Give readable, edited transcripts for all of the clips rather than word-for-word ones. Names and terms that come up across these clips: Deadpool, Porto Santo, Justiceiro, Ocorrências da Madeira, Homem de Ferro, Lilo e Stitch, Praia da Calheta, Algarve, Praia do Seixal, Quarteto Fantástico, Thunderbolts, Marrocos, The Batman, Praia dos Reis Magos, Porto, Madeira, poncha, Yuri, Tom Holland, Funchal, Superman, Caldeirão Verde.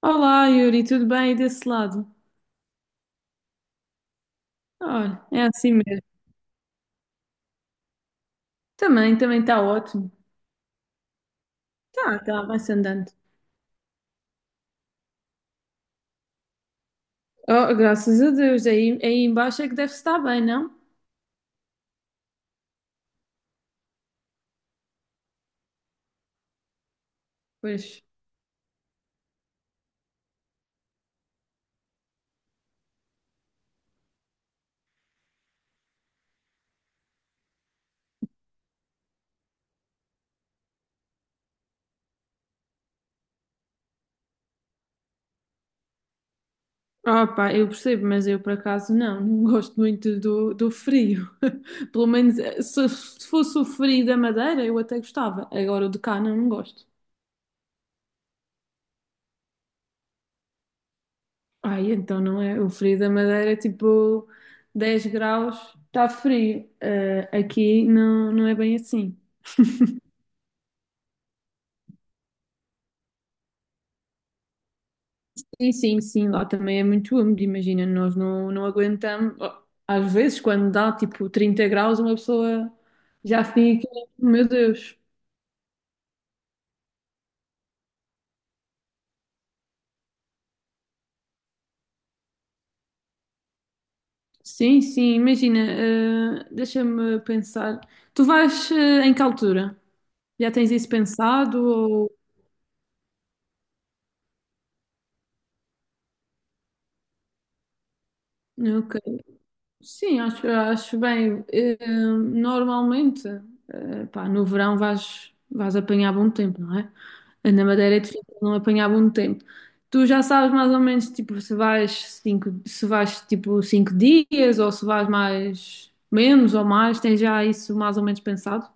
Olá, Yuri, tudo bem aí desse lado? Olha, é assim mesmo. Também, também está ótimo. Tá, tá, vai-se andando. Oh, graças a Deus, aí embaixo é que deve estar bem, não? Pois. Ah, pá, eu percebo, mas eu por acaso não gosto muito do frio. Pelo menos se fosse o frio da Madeira, eu até gostava. Agora o de cá não gosto. Ai, então não é. O frio da Madeira é tipo 10 graus, está frio. Aqui não é bem assim. Sim, sim, sim, lá também é muito úmido, imagina, nós não aguentamos. Oh, às vezes, quando dá tipo 30 graus, uma pessoa já fica, meu Deus. Sim, sim, imagina, deixa-me pensar. Tu vais, em que altura? Já tens isso pensado? Ou. Sim, acho bem. Normalmente, pá, no verão vais apanhar bom tempo, não é? Na Madeira é difícil não apanhar bom tempo. Tu já sabes mais ou menos, tipo, se vais, tipo, 5 dias ou se vais mais, menos ou mais, tens já isso mais ou menos pensado?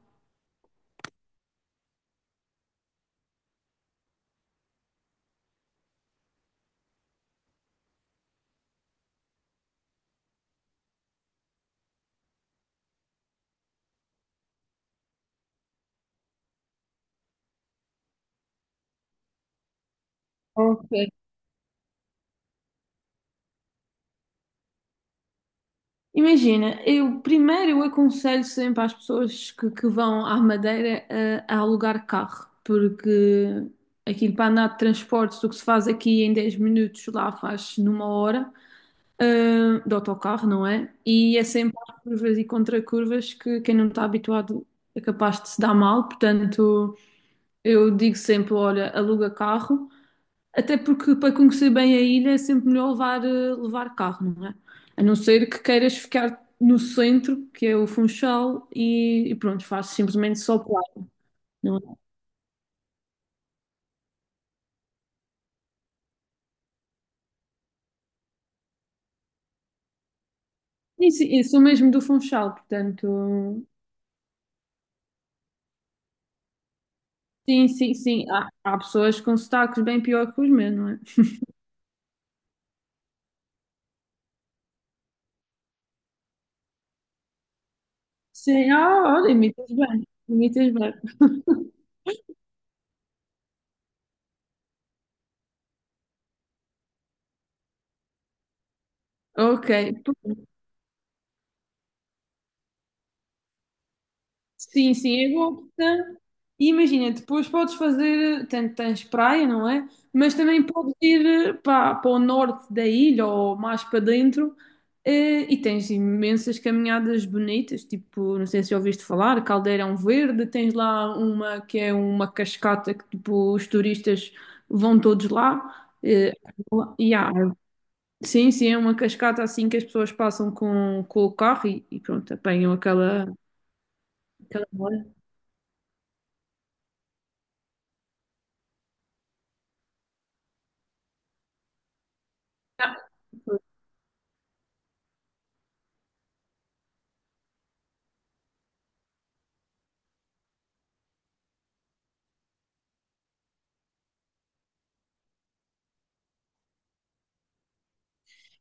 Ok. Imagina, eu primeiro eu aconselho sempre às pessoas que vão à Madeira a alugar carro, porque aquilo para andar de transportes, o que se faz aqui em 10 minutos, lá faz numa hora, de autocarro, não é? E é sempre às curvas e contracurvas que quem não está habituado é capaz de se dar mal, portanto eu digo sempre, olha, aluga carro. Até porque para conhecer bem a ilha é sempre melhor levar carro, não é? A não ser que queiras ficar no centro, que é o Funchal, e pronto, faz simplesmente só praia, não é? E sim, eu sou mesmo do Funchal, portanto, sim, sim, sim. Há pessoas com sotaques bem pior que os meus, não é? Sim, olha, imitas bem, imitas bem. Ok. Sim, sim, é boa opção. E imagina, depois podes fazer, tanto tens praia, não é? Mas também podes ir para o norte da ilha ou mais para dentro e tens imensas caminhadas bonitas, tipo, não sei se já ouviste falar, Caldeirão Verde, tens lá uma que é uma cascata que tipo, os turistas vão todos lá. E há- Sim, sim, é uma cascata assim que as pessoas passam com o carro e pronto, apanham aquela.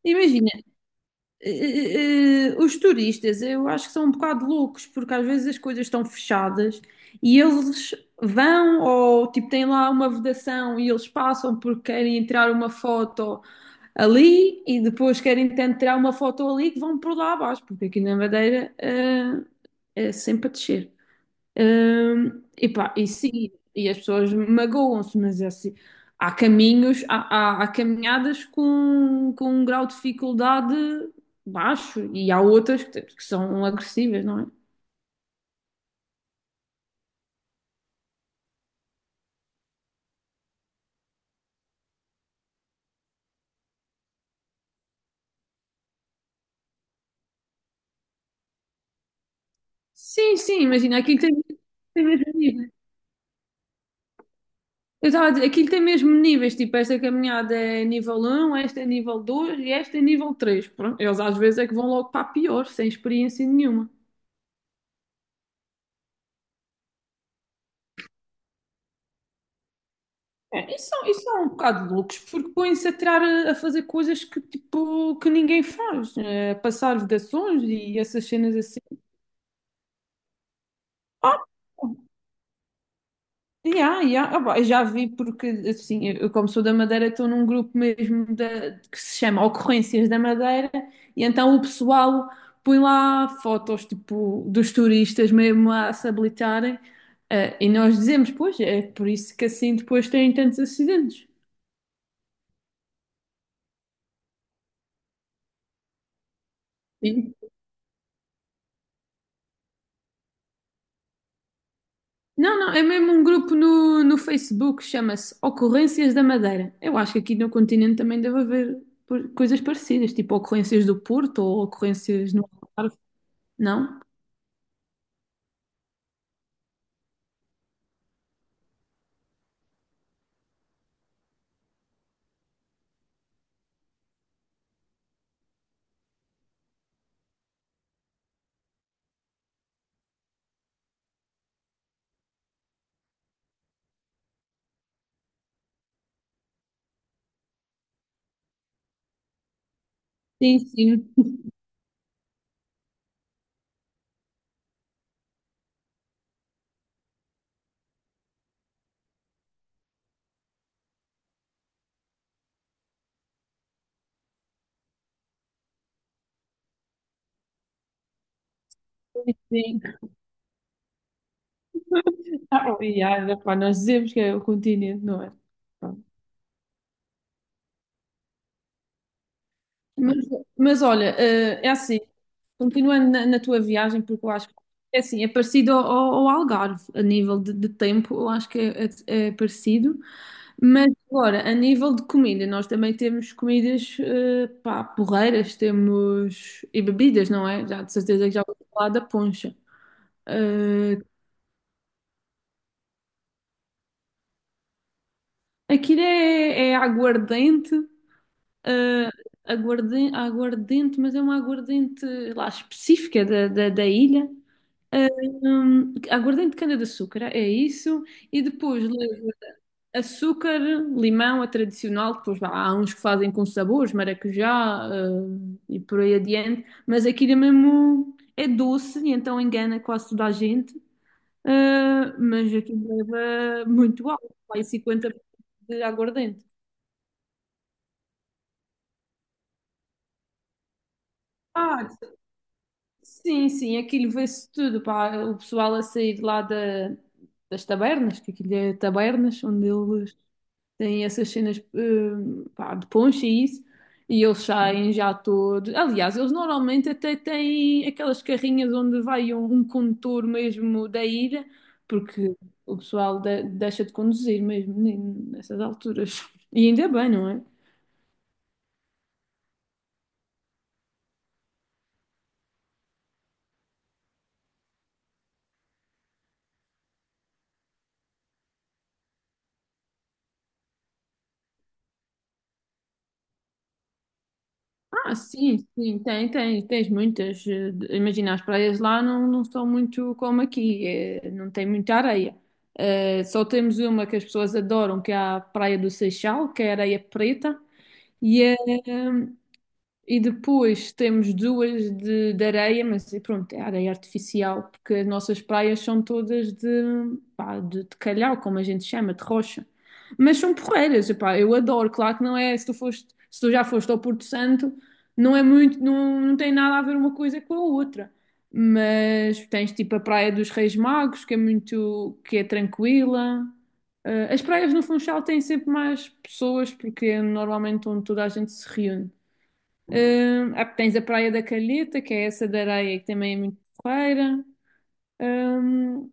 Imagina, os turistas, eu acho que são um bocado loucos, porque às vezes as coisas estão fechadas e eles vão ou tipo têm lá uma vedação e eles passam porque querem tirar uma foto ali e depois querem tentar tirar uma foto ali que vão por lá abaixo, porque aqui na Madeira, é sempre a descer. Epá, e sim, e as pessoas magoam-se, mas é assim, há caminhos, há caminhadas com um grau de dificuldade baixo e há outras que são agressivas, não é? Sim, sim, imagina, aquilo tem mesmo níveis. Eu estava a dizer, aquilo tem mesmo níveis, tipo, esta caminhada é nível um, esta é nível 2 e esta é nível três. Pronto, eles às vezes é que vão logo para a pior, sem experiência nenhuma. É, isso, isso é um bocado de loucos, porque põem-se a tirar a fazer coisas que, tipo, que ninguém faz, passar vedações e essas cenas assim. Ah, yeah, yeah. Ah, pá, eu já vi, porque assim, eu como sou da Madeira, estou num grupo mesmo que se chama Ocorrências da Madeira, e então o pessoal põe lá fotos, tipo, dos turistas mesmo a se habilitarem, e nós dizemos, pois, é por isso que assim depois têm tantos acidentes. Não, não, é mesmo um grupo no Facebook, chama-se Ocorrências da Madeira. Eu acho que aqui no continente também deve haver coisas parecidas, tipo ocorrências do Porto ou ocorrências no Algarve, não? Sim, sim, sim. Ah, oh, e há, pá, nós dizemos que é o continente, não é? Mas, mas olha, é assim, continuando na tua viagem, porque eu acho que é assim, é parecido ao, ao Algarve, a nível de tempo, eu acho que é parecido. Mas agora, a nível de comida, nós também temos comidas, pá, porreiras, temos e bebidas, não é? Já de certeza que já ouvi falar da poncha. Aquilo é aguardente, eh, aguardente, mas é uma aguardente lá específica da ilha. Aguardente de cana-de-açúcar, é isso. E depois açúcar, limão, a tradicional. Depois vá, há uns que fazem com sabores, maracujá, e por aí adiante. Mas aquilo é mesmo é doce, e então engana quase toda a gente. Ah, mas aqui leva muito álcool, vai 50% de aguardente. Ah, sim, sim, aquilo vê-se tudo, pá. O pessoal a sair lá das tabernas, que aquilo é tabernas, onde eles tem essas cenas, pá, de poncha e isso, e eles saem já todos. Aliás, eles normalmente até têm aquelas carrinhas onde vai um condutor mesmo da ilha, porque o pessoal deixa de conduzir mesmo nessas alturas. E ainda bem, não é? Ah, sim, sim, tens muitas. Imagina, as praias lá não são muito como aqui, não tem muita areia. Só temos uma que as pessoas adoram, que é a Praia do Seixal, que é areia preta. E, eh, e depois temos duas de areia, mas e pronto, é areia artificial, porque as nossas praias são todas de, pá, de calhau, como a gente chama, de rocha. Mas são porreiras, epá, eu adoro. Claro que não é, se tu já foste ao Porto Santo, não é muito, não tem nada a ver uma coisa com a outra. Mas tens tipo a Praia dos Reis Magos, que é tranquila. As praias no Funchal têm sempre mais pessoas, porque é normalmente onde toda a gente se reúne. Tens a Praia da Calheta, que é essa da areia que também é muito porreira. Hum,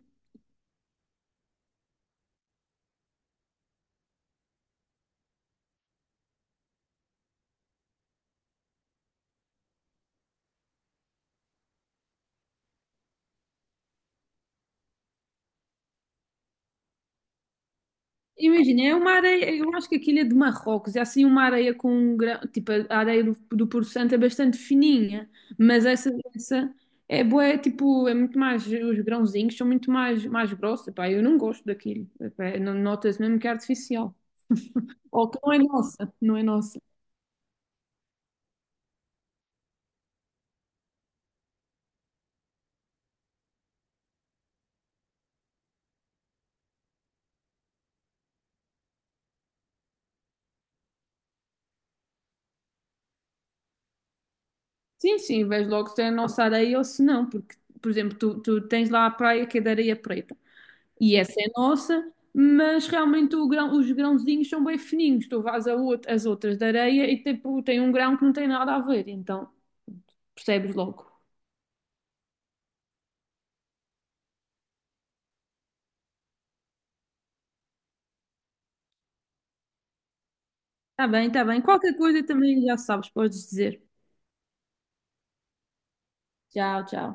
Imagina, é uma areia, eu acho que aquilo é de Marrocos, é assim uma areia com um grão, tipo a areia do Porto Santo é bastante fininha, mas essa é boa, é tipo, os grãozinhos são muito mais, mais grossos. Epá, eu não gosto daquilo. Epá, nota-se mesmo que é artificial. Ou que não é nossa, não é nossa. Sim, sim, vês logo se é a nossa areia ou se não, porque, por exemplo, tu tens lá a praia que é de areia preta. E essa é nossa, mas realmente o os grãozinhos são bem fininhos. Tu vais as outras da areia e tipo, tem um grão que não tem nada a ver, então percebes logo. Tá bem, tá bem. Qualquer coisa também já sabes, podes dizer. Tchau, tchau.